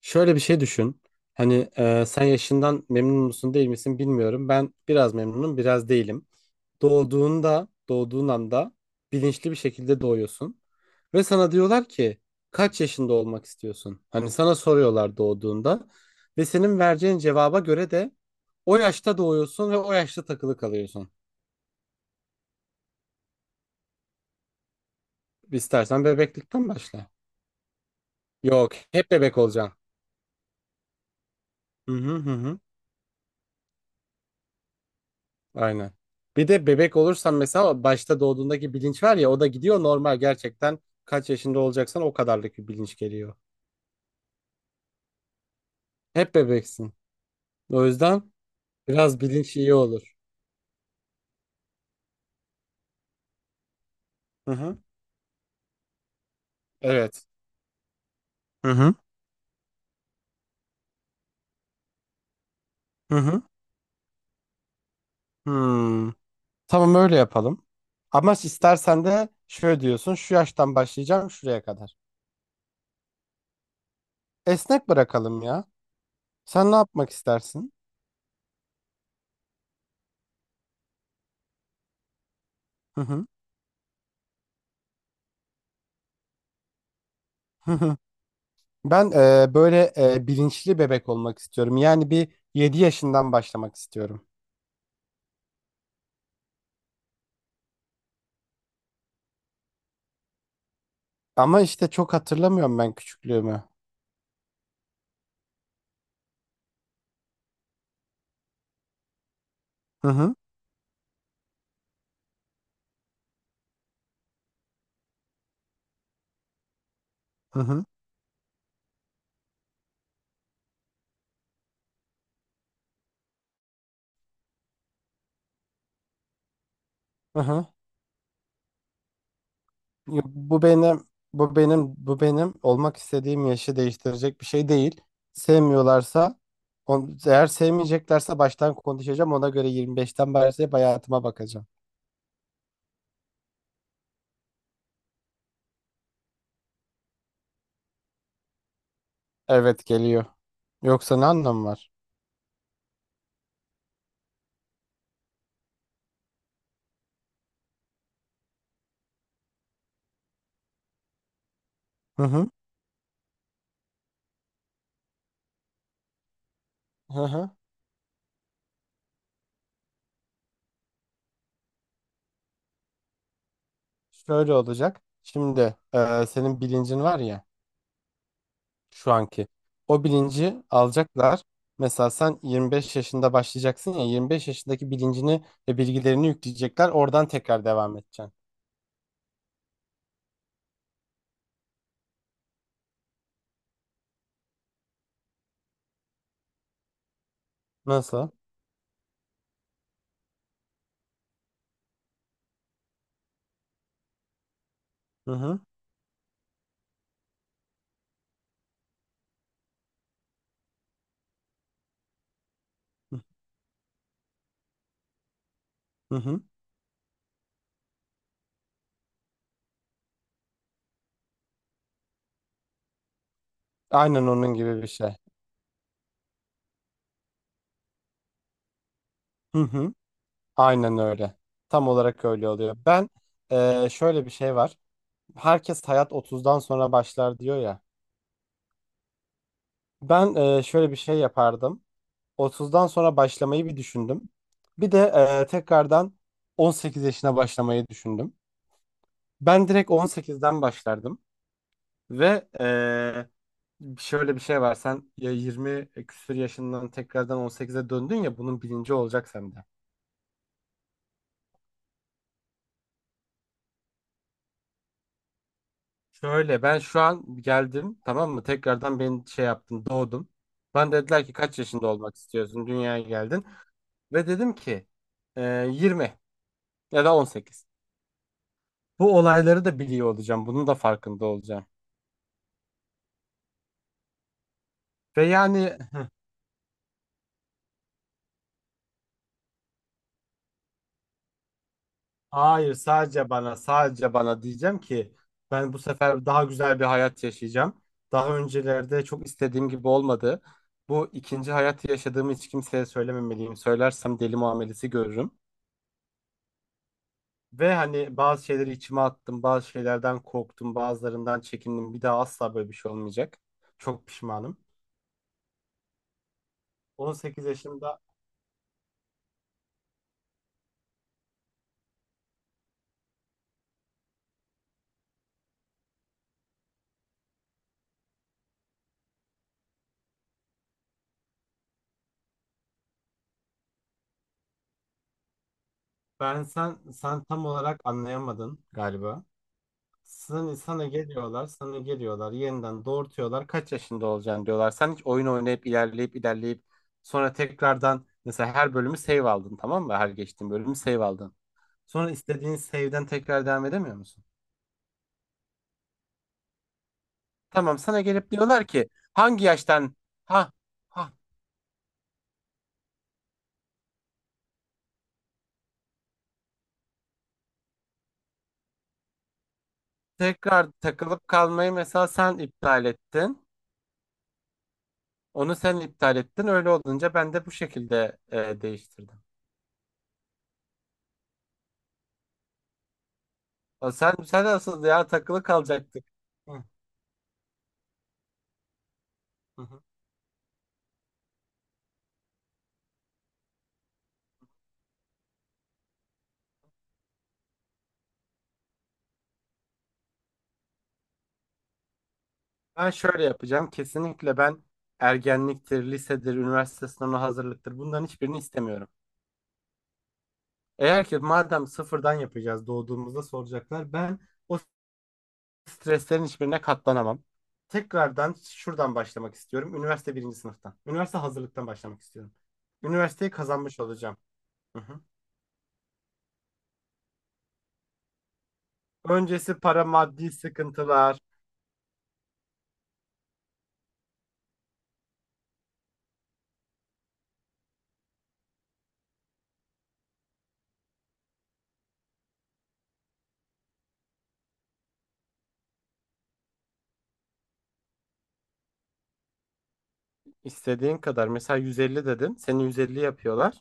Şöyle bir şey düşün. Hani sen yaşından memnun musun değil misin bilmiyorum. Ben biraz memnunum, biraz değilim. Doğduğun anda bilinçli bir şekilde doğuyorsun. Ve sana diyorlar ki kaç yaşında olmak istiyorsun? Hani sana soruyorlar doğduğunda. Ve senin vereceğin cevaba göre de o yaşta doğuyorsun ve o yaşta takılı kalıyorsun. İstersen bebeklikten başla. Yok, hep bebek olacaksın. Hı hı hı. Hı. Aynen. Bir de bebek olursan mesela başta doğduğundaki bilinç var ya o da gidiyor normal gerçekten kaç yaşında olacaksan o kadarlık bir bilinç geliyor. Hep bebeksin. O yüzden biraz bilinç iyi olur. Hı hı. Evet. Hı hı. Hı hı. Hmm. Tamam öyle yapalım. Ama istersen de şöyle diyorsun şu yaştan başlayacağım şuraya kadar. Esnek bırakalım ya. Sen ne yapmak istersin? Hı hı. Hı hı. Ben böyle bilinçli bebek olmak istiyorum. Yani bir 7 yaşından başlamak istiyorum. Ama işte çok hatırlamıyorum ben küçüklüğümü. Hı hı. Hı hı. Hı hı. Yok, bu benim olmak istediğim yaşı değiştirecek bir şey değil. Sevmiyorlarsa, eğer sevmeyeceklerse baştan konuşacağım. Ona göre 25'ten başlayıp hayatıma bakacağım. Evet geliyor. Yoksa ne anlamı var? Hı hı. Hı hı. Şöyle olacak. Şimdi senin bilincin var ya. Şu anki. O bilinci alacaklar. Mesela sen 25 yaşında başlayacaksın ya 25 yaşındaki bilincini ve bilgilerini yükleyecekler. Oradan tekrar devam edeceksin. Nasıl? Hı hı. Hı hı. Aynen onun gibi bir şey. Hı hı. Aynen öyle. Tam olarak öyle oluyor. Ben şöyle bir şey var. Herkes hayat 30'dan sonra başlar diyor ya. Ben şöyle bir şey yapardım. 30'dan sonra başlamayı bir düşündüm. Bir de tekrardan 18 yaşına başlamayı düşündüm. Ben direkt 18'den başlardım ve şöyle bir şey var sen ya 20 küsur yaşından tekrardan 18'e döndün ya bunun bilinci olacak sende. Şöyle ben şu an geldim tamam mı tekrardan beni şey yaptın doğdum. Bana dediler ki kaç yaşında olmak istiyorsun dünyaya geldin ve dedim ki 20 ya da 18. Bu olayları da biliyor olacağım bunun da farkında olacağım. Ve yani. Hayır, sadece bana diyeceğim ki ben bu sefer daha güzel bir hayat yaşayacağım. Daha öncelerde çok istediğim gibi olmadı. Bu ikinci hayatı yaşadığımı hiç kimseye söylememeliyim. Söylersem deli muamelesi görürüm. Ve hani bazı şeyleri içime attım, bazı şeylerden korktum, bazılarından çekindim. Bir daha asla böyle bir şey olmayacak. Çok pişmanım. 18 yaşımda. Ben sen sen tam olarak anlayamadın galiba. Sana geliyorlar, yeniden doğurtuyorlar. Kaç yaşında olacaksın diyorlar. Sen hiç oyun oynayıp ilerleyip ilerleyip sonra tekrardan mesela her bölümü save aldın tamam mı? Her geçtiğin bölümü save aldın. Sonra istediğin save'den tekrar devam edemiyor musun? Tamam sana gelip diyorlar ki hangi yaştan ha ha tekrar takılıp kalmayı mesela sen iptal ettin. Onu sen iptal ettin. Öyle olunca ben de bu şekilde değiştirdim. O sen asıl ya takılı kalacaktık. Hı. Hı. Ben şöyle yapacağım. Kesinlikle ben ergenliktir, lisedir, üniversite sınavına hazırlıktır. Bunların hiçbirini istemiyorum. Eğer ki madem sıfırdan yapacağız doğduğumuzda soracaklar. Ben o streslerin hiçbirine katlanamam. Tekrardan şuradan başlamak istiyorum. Üniversite birinci sınıftan. Üniversite hazırlıktan başlamak istiyorum. Üniversiteyi kazanmış olacağım. Hı hı. Öncesi para, maddi sıkıntılar. İstediğin kadar. Mesela 150 dedim, seni 150 yapıyorlar.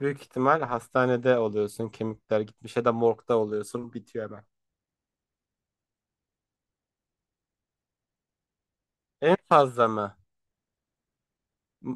Büyük ihtimal hastanede oluyorsun. Kemikler gitmiş ya da morgda oluyorsun. Bitiyor hemen. En fazla mı?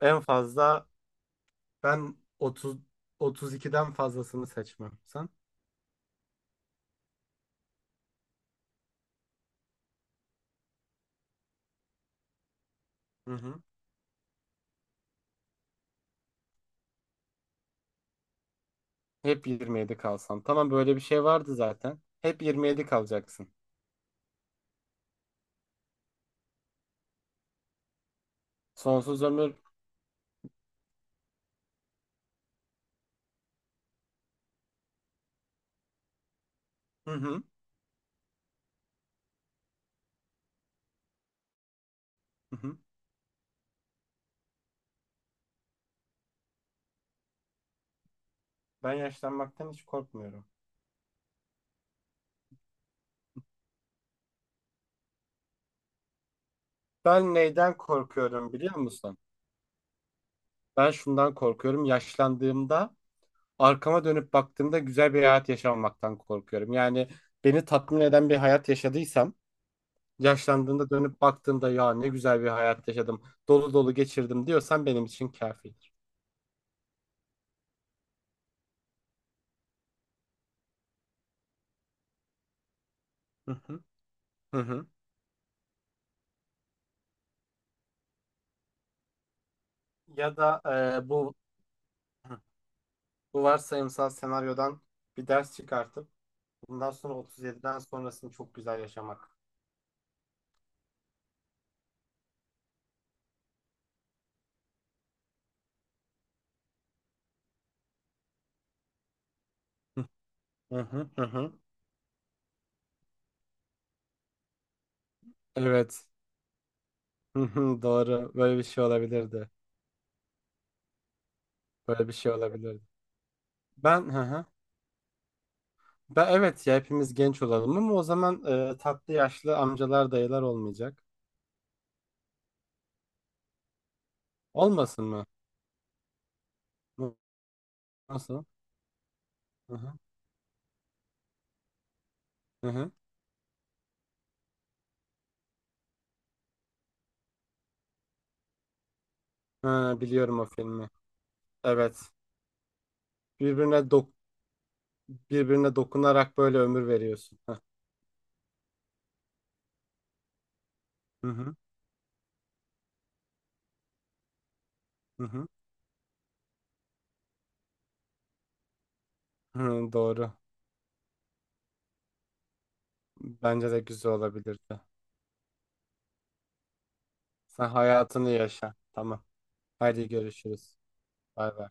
En fazla ben 30 32'den fazlasını seçmem. Sen? Hı hı. Hep 27 kalsan. Tamam böyle bir şey vardı zaten. Hep 27 kalacaksın. Sonsuz ömür. Hı hı. Hı hı. Ben yaşlanmaktan hiç korkmuyorum. Ben neyden korkuyorum biliyor musun? Ben şundan korkuyorum. Yaşlandığımda arkama dönüp baktığımda güzel bir hayat yaşamamaktan korkuyorum. Yani beni tatmin eden bir hayat yaşadıysam, yaşlandığımda dönüp baktığımda ya ne güzel bir hayat yaşadım, dolu dolu geçirdim diyorsan benim için kafidir. Hı hı. Hı hı. Ya da e, bu bu varsayımsal senaryodan bir ders çıkartıp bundan sonra 37'den sonrasını çok güzel yaşamak. Hı hı hı hı. Evet. Hı hı, doğru. Böyle bir şey olabilirdi. Böyle bir şey olabilirdi. Ben hı hı. Ben evet ya hepimiz genç olalım ama o zaman tatlı yaşlı amcalar dayılar olmayacak. Olmasın mı? Nasıl? Hı hı. Hı hı. Ha, biliyorum o filmi. Evet. Birbirine dok- birbirine dokunarak böyle ömür veriyorsun. Heh. Hı hı. Hı hı. Hı, doğru. Bence de güzel olabilirdi. Sen hayatını yaşa. Tamam. Haydi görüşürüz. Bay bay.